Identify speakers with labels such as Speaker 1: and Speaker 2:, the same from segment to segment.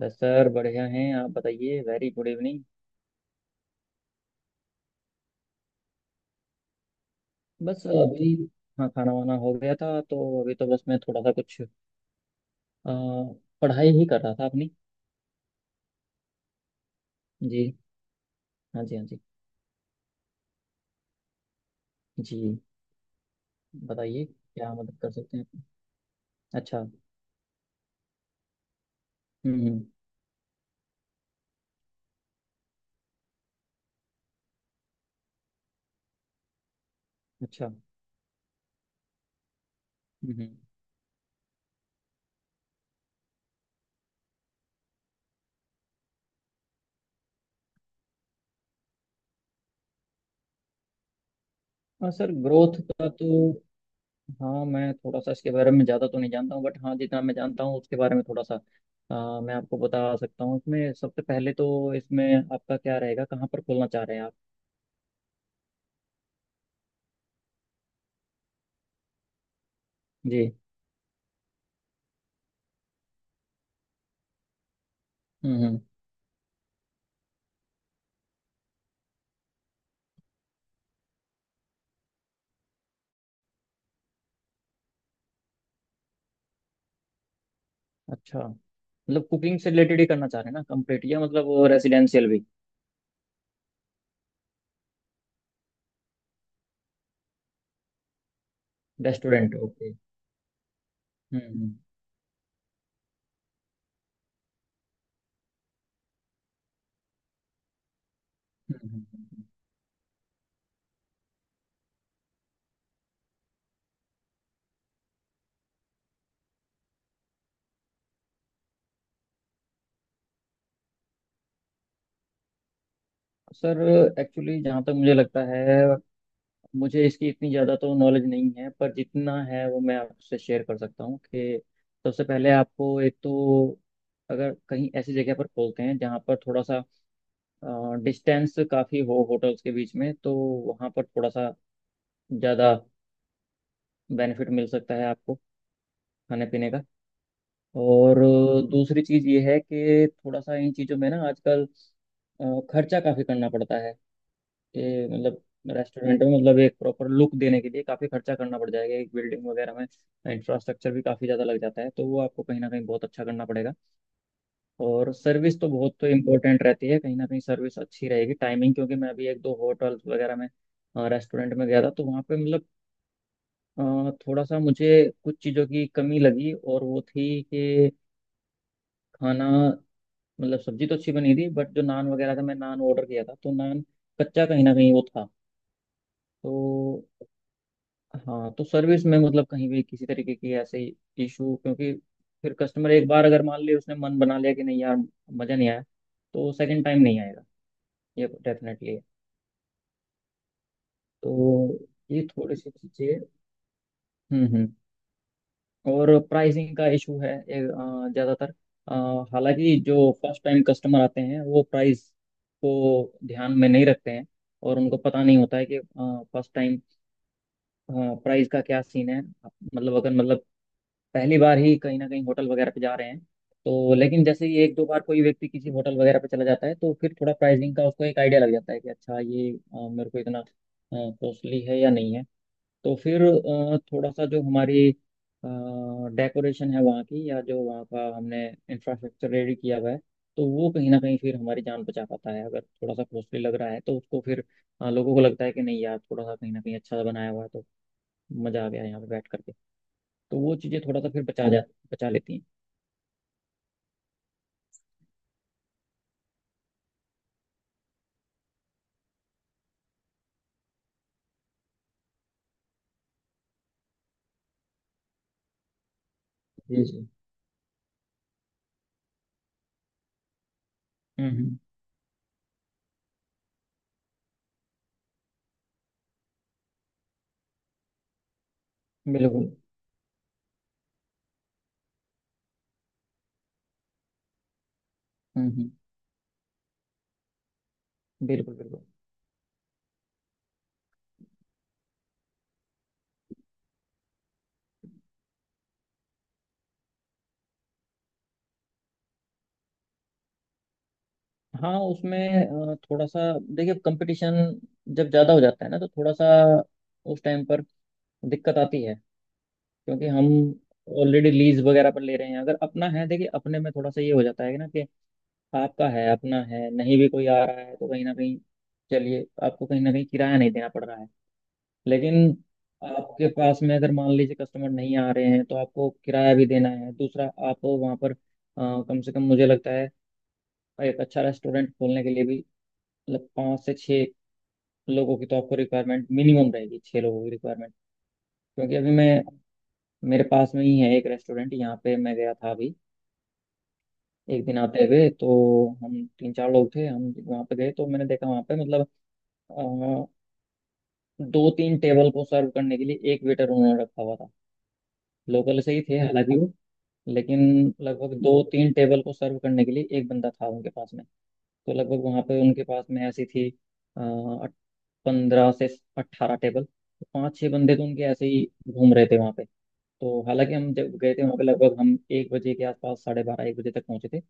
Speaker 1: बस सर बढ़िया हैं। आप बताइए। Very good evening. बस अभी। हाँ, खाना वाना हो गया था तो अभी तो बस मैं थोड़ा सा कुछ अ, पढ़ाई ही कर रहा था अपनी। जी। हाँ जी, हाँ जी। जी, बताइए, क्या मदद कर सकते हैं आपकी? अच्छा। हम्म। अच्छा। हम्म हम्म। हाँ सर, ग्रोथ का तो हाँ, मैं थोड़ा सा इसके बारे में ज़्यादा तो नहीं जानता हूँ बट हाँ, जितना मैं जानता हूँ उसके बारे में थोड़ा सा मैं आपको बता सकता हूँ। इसमें सबसे पहले तो इसमें आपका क्या रहेगा, कहाँ पर खोलना चाह रहे हैं आप। जी। हम्म। अच्छा, मतलब कुकिंग से रिलेटेड ही करना चाह रहे हैं ना कंप्लीट, या मतलब वो रेसिडेंशियल भी। Restaurant, okay. हम्म। हम्म, हम्म, हम्म। सर, एक्चुअली जहाँ तक मुझे लगता है, मुझे इसकी इतनी ज़्यादा तो नॉलेज नहीं है, पर जितना है वो मैं आपसे शेयर कर सकता हूँ कि सबसे पहले आपको एक तो अगर कहीं ऐसी जगह पर खोलते हैं जहाँ पर थोड़ा सा डिस्टेंस काफ़ी हो होटल्स के बीच में, तो वहाँ पर थोड़ा सा ज़्यादा बेनिफिट मिल सकता है आपको खाने पीने का। और दूसरी चीज ये है कि थोड़ा सा इन चीजों में ना आजकल अ, खर्चा काफी करना पड़ता है। कि मतलब रेस्टोरेंट में मतलब एक प्रॉपर लुक देने के लिए काफी खर्चा करना पड़ जाएगा, एक बिल्डिंग वगैरह में। इंफ्रास्ट्रक्चर भी काफी ज्यादा लग जाता है, तो वो आपको कहीं ना कहीं बहुत अच्छा करना पड़ेगा। और सर्विस तो बहुत तो इम्पोर्टेंट रहती है, कहीं ना कहीं सर्विस अच्छी रहेगी, टाइमिंग। क्योंकि मैं अभी एक दो होटल वगैरह में रेस्टोरेंट में गया था, तो वहाँ पे मतलब थोड़ा सा मुझे कुछ चीज़ों की कमी लगी, और वो थी कि खाना, मतलब सब्जी तो अच्छी बनी थी, बट जो नान वगैरह था, मैं नान ऑर्डर किया था, तो नान कच्चा कहीं ना कहीं वो था। तो हाँ, तो सर्विस में मतलब कहीं भी किसी तरीके की ऐसे इशू, क्योंकि फिर कस्टमर एक बार अगर मान ले उसने मन बना लिया कि नहीं यार, मज़ा नहीं आया, तो सेकंड टाइम नहीं आएगा। ये डेफिनेटली है। तो ये थोड़ी सी चीज़ें। हम्म। और प्राइसिंग का इशू है ये, ज़्यादातर अ, हालांकि जो फर्स्ट टाइम कस्टमर आते हैं वो प्राइस को ध्यान में नहीं रखते हैं, और उनको पता नहीं होता है कि फर्स्ट टाइम प्राइस का क्या सीन है, मतलब अगर मतलब पहली बार ही कहीं ना कहीं होटल वगैरह पे जा रहे हैं तो। लेकिन जैसे ही एक दो बार कोई व्यक्ति किसी होटल वगैरह पे चला जाता है, तो फिर थोड़ा प्राइसिंग का उसको एक आइडिया लग जाता है कि अच्छा, ये मेरे को इतना कॉस्टली है या नहीं है। तो फिर थोड़ा सा जो हमारी डेकोरेशन है वहाँ की, या जो वहाँ का हमने इंफ्रास्ट्रक्चर रेडी किया हुआ है, तो वो कहीं ना कहीं फिर हमारी जान बचा पाता है। अगर थोड़ा सा कॉस्टली लग रहा है तो उसको फिर लोगों को लगता है कि नहीं यार, थोड़ा सा कहीं ना कहीं अच्छा बनाया हुआ है तो मज़ा आ गया यहाँ पे बैठ करके। तो वो चीज़ें थोड़ा सा फिर बचा लेती हैं। जी जी। हम्म हम्म, बिल्कुल। हम्म हम्म, बिल्कुल बिल्कुल। हाँ, उसमें थोड़ा सा देखिए, कंपटीशन जब ज़्यादा हो जाता है ना तो थोड़ा सा उस टाइम पर दिक्कत आती है। क्योंकि हम ऑलरेडी लीज वगैरह पर ले रहे हैं। अगर अपना है, देखिए अपने में थोड़ा सा ये हो जाता है कि ना कि आपका है, अपना है, नहीं भी कोई आ रहा है तो कहीं ना कहीं चलिए आपको कहीं ना कहीं किराया नहीं देना पड़ रहा है। लेकिन आपके पास में अगर मान लीजिए कस्टमर नहीं आ रहे हैं तो आपको किराया भी देना है। दूसरा आप वहाँ पर कम से कम मुझे लगता है एक अच्छा रेस्टोरेंट खोलने के लिए भी मतलब पाँच से छः लोगों की तो आपको रिक्वायरमेंट मिनिमम रहेगी, छः लोगों की रिक्वायरमेंट। क्योंकि अभी मैं, मेरे पास में ही है एक रेस्टोरेंट, यहाँ पे मैं गया था अभी एक दिन आते हुए, तो हम तीन चार लोग थे, हम वहाँ पे गए तो मैंने देखा वहाँ पे मतलब अ, दो तीन टेबल को सर्व करने के लिए एक वेटर उन्होंने रखा हुआ था। लोकल से ही थे हालांकि वो, लेकिन लगभग दो तीन टेबल को सर्व करने के लिए एक बंदा था उनके पास में। तो लगभग वहाँ पे उनके पास में ऐसी थी 15 से 18 टेबल, तो पाँच छः बंदे तो उनके ऐसे ही घूम रहे थे वहाँ पे। तो हालांकि हम जब गए थे वहाँ पे, लगभग हम 1 बजे के आसपास, 12:30, 1 बजे तक पहुँचे थे,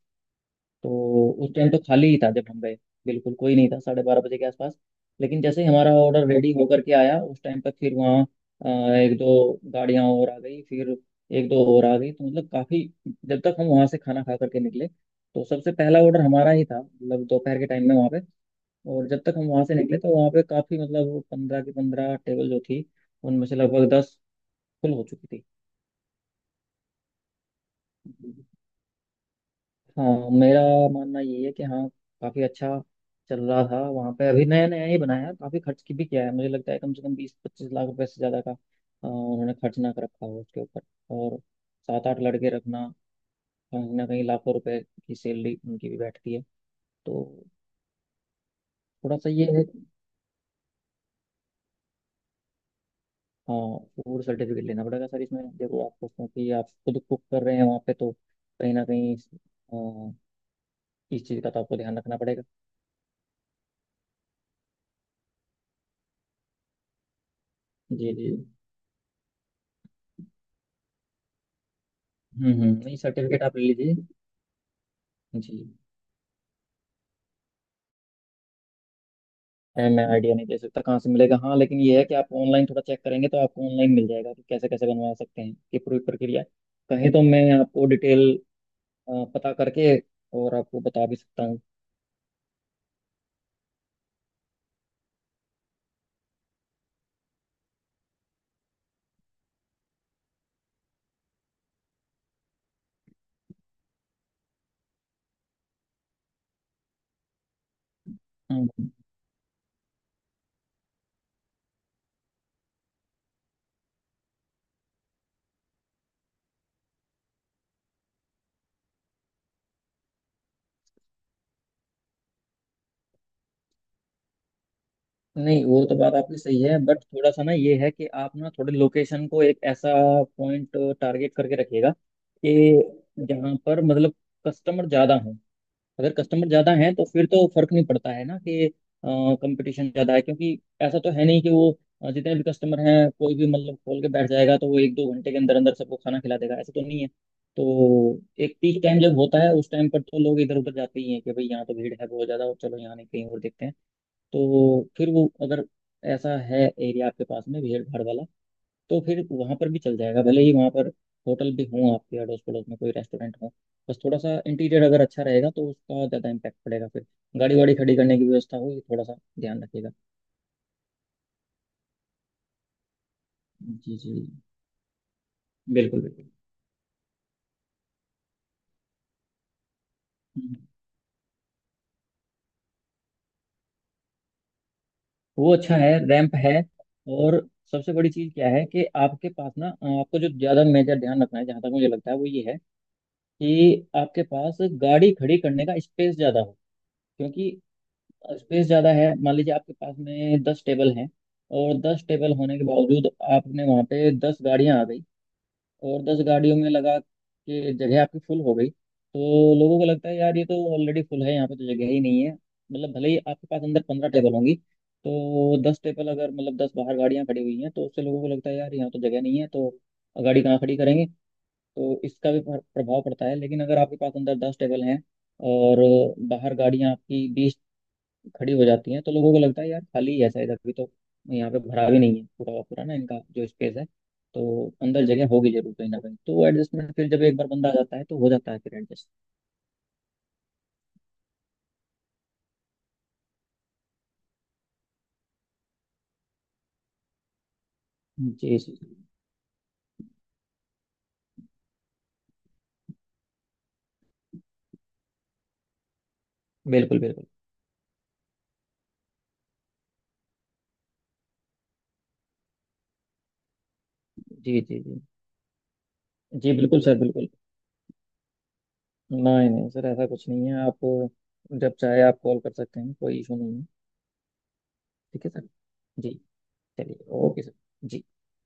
Speaker 1: तो उस टाइम तो खाली ही था जब हम गए, बिल्कुल कोई नहीं था 12:30 बजे के आसपास। लेकिन जैसे ही हमारा ऑर्डर रेडी होकर के आया उस टाइम पर फिर वहाँ अ, एक दो गाड़ियाँ और आ गई, फिर एक दो और आ गई, तो मतलब काफ़ी। जब तक हम वहाँ से खाना खा करके निकले तो सबसे पहला ऑर्डर हमारा ही था, मतलब दोपहर के टाइम में वहाँ पे। और जब तक हम वहाँ से निकले तो वहाँ पे काफ़ी, मतलब 15 की 15 टेबल जो थी उनमें से लगभग 10 फुल हो चुकी थी। हाँ, मेरा मानना ये है कि हाँ, काफी अच्छा चल रहा था वहाँ पे। अभी नया नया ही बनाया है, काफी खर्च की भी किया है, मुझे लगता है कम से कम 20-25 लाख रुपए से ज्यादा का उन्होंने खर्च ना कर रखा हो उसके ऊपर। और सात आठ लड़के रखना, कहीं ना कहीं लाखों रुपए की सैलरी उनकी भी बैठती है। तो थोड़ा सा ये है कि हाँ, फूड सर्टिफिकेट लेना पड़ेगा सर। इसमें देखो आपको, क्योंकि आप खुद कुक कर रहे हैं वहाँ पे, तो कहीं ना कहीं अ, इस चीज का तो आपको ध्यान रखना पड़ेगा। जी जी। हम्म, नहीं सर्टिफिकेट आप ले लीजिए। जी। है, मैं आइडिया नहीं दे सकता कहाँ से मिलेगा, हाँ लेकिन ये है कि आप ऑनलाइन थोड़ा चेक करेंगे तो आपको ऑनलाइन मिल जाएगा कि कैसे कैसे बनवा सकते हैं, ये पूरी प्रक्रिया। कहें तो मैं आपको डिटेल पता करके और आपको बता भी सकता हूँ। हम्म। नहीं, वो तो बात आपकी सही है बट थोड़ा सा ना ये है कि आप ना थोड़े लोकेशन को एक ऐसा पॉइंट टारगेट करके रखिएगा कि जहाँ पर मतलब कस्टमर ज़्यादा हो। अगर कस्टमर ज्यादा हैं तो फिर तो फर्क नहीं पड़ता है ना कि कंपटीशन ज्यादा है, क्योंकि ऐसा तो है नहीं कि वो जितने भी कस्टमर हैं कोई भी मतलब खोल के बैठ जाएगा तो वो 1-2 घंटे के अंदर अंदर सबको खाना खिला देगा, ऐसा तो नहीं है। तो एक पीक टाइम जब होता है उस टाइम पर तो लोग इधर उधर जाते ही हैं कि भाई, यहाँ तो भीड़ है बहुत ज्यादा और चलो यहाँ नहीं, कहीं और देखते हैं। तो फिर वो अगर ऐसा है एरिया आपके पास में भीड़ भाड़ वाला, तो फिर वहां पर भी चल जाएगा, भले ही वहां पर होटल भी हों आपके अड़ोस पड़ोस में, कोई रेस्टोरेंट हो। बस थोड़ा सा इंटीरियर अगर अच्छा रहेगा तो उसका ज़्यादा इम्पैक्ट पड़ेगा फिर। गाड़ी वाड़ी खड़ी करने की व्यवस्था हो, ये थोड़ा सा ध्यान रखिएगा। जी जी बिल्कुल बिल्कुल। हम्म। वो अच्छा है, रैंप है। और सबसे बड़ी चीज़ क्या है कि आपके पास ना आपको जो ज़्यादा मेजर ध्यान रखना है जहाँ तक मुझे लगता है वो ये है कि आपके पास गाड़ी खड़ी करने का स्पेस ज़्यादा हो। क्योंकि स्पेस ज़्यादा है, मान लीजिए आपके पास में 10 टेबल हैं, और 10 टेबल होने के बावजूद आपने वहाँ पे 10 गाड़ियाँ आ गई, और 10 गाड़ियों में लगा के जगह आपकी फुल हो गई, तो लोगों को लगता है यार ये तो ऑलरेडी फुल है, यहाँ पे तो जगह ही नहीं है, मतलब भले ही आपके पास अंदर 15 टेबल होंगी। तो 10 टेबल अगर, मतलब 10 बाहर गाड़ियाँ खड़ी हुई हैं तो उससे लोगों को लगता है यार यहाँ तो जगह नहीं है तो गाड़ी कहाँ खड़ी करेंगे। तो इसका भी प्रभाव पड़ता है। लेकिन अगर आपके पास अंदर 10 टेबल हैं और बाहर गाड़ियाँ आपकी 20 खड़ी हो जाती हैं तो लोगों को लगता है यार खाली ही है शायद अभी तो, यहाँ पे भरा भी नहीं है पूरा का पूरा ना इनका जो स्पेस है, तो अंदर जगह होगी जरूर कहीं ना कहीं तो वो एडजस्टमेंट फिर जब एक बार बंदा आ जाता है तो हो जाता है फिर एडजस्ट। जी जी बिल्कुल बिल्कुल। जी जी। जी जी बिल्कुल सर बिल्कुल। नहीं नहीं सर, ऐसा कुछ नहीं है आप जब चाहे आप कॉल कर सकते हैं, कोई इशू नहीं है। ठीक है सर। जी, चलिए ओके सर। जी।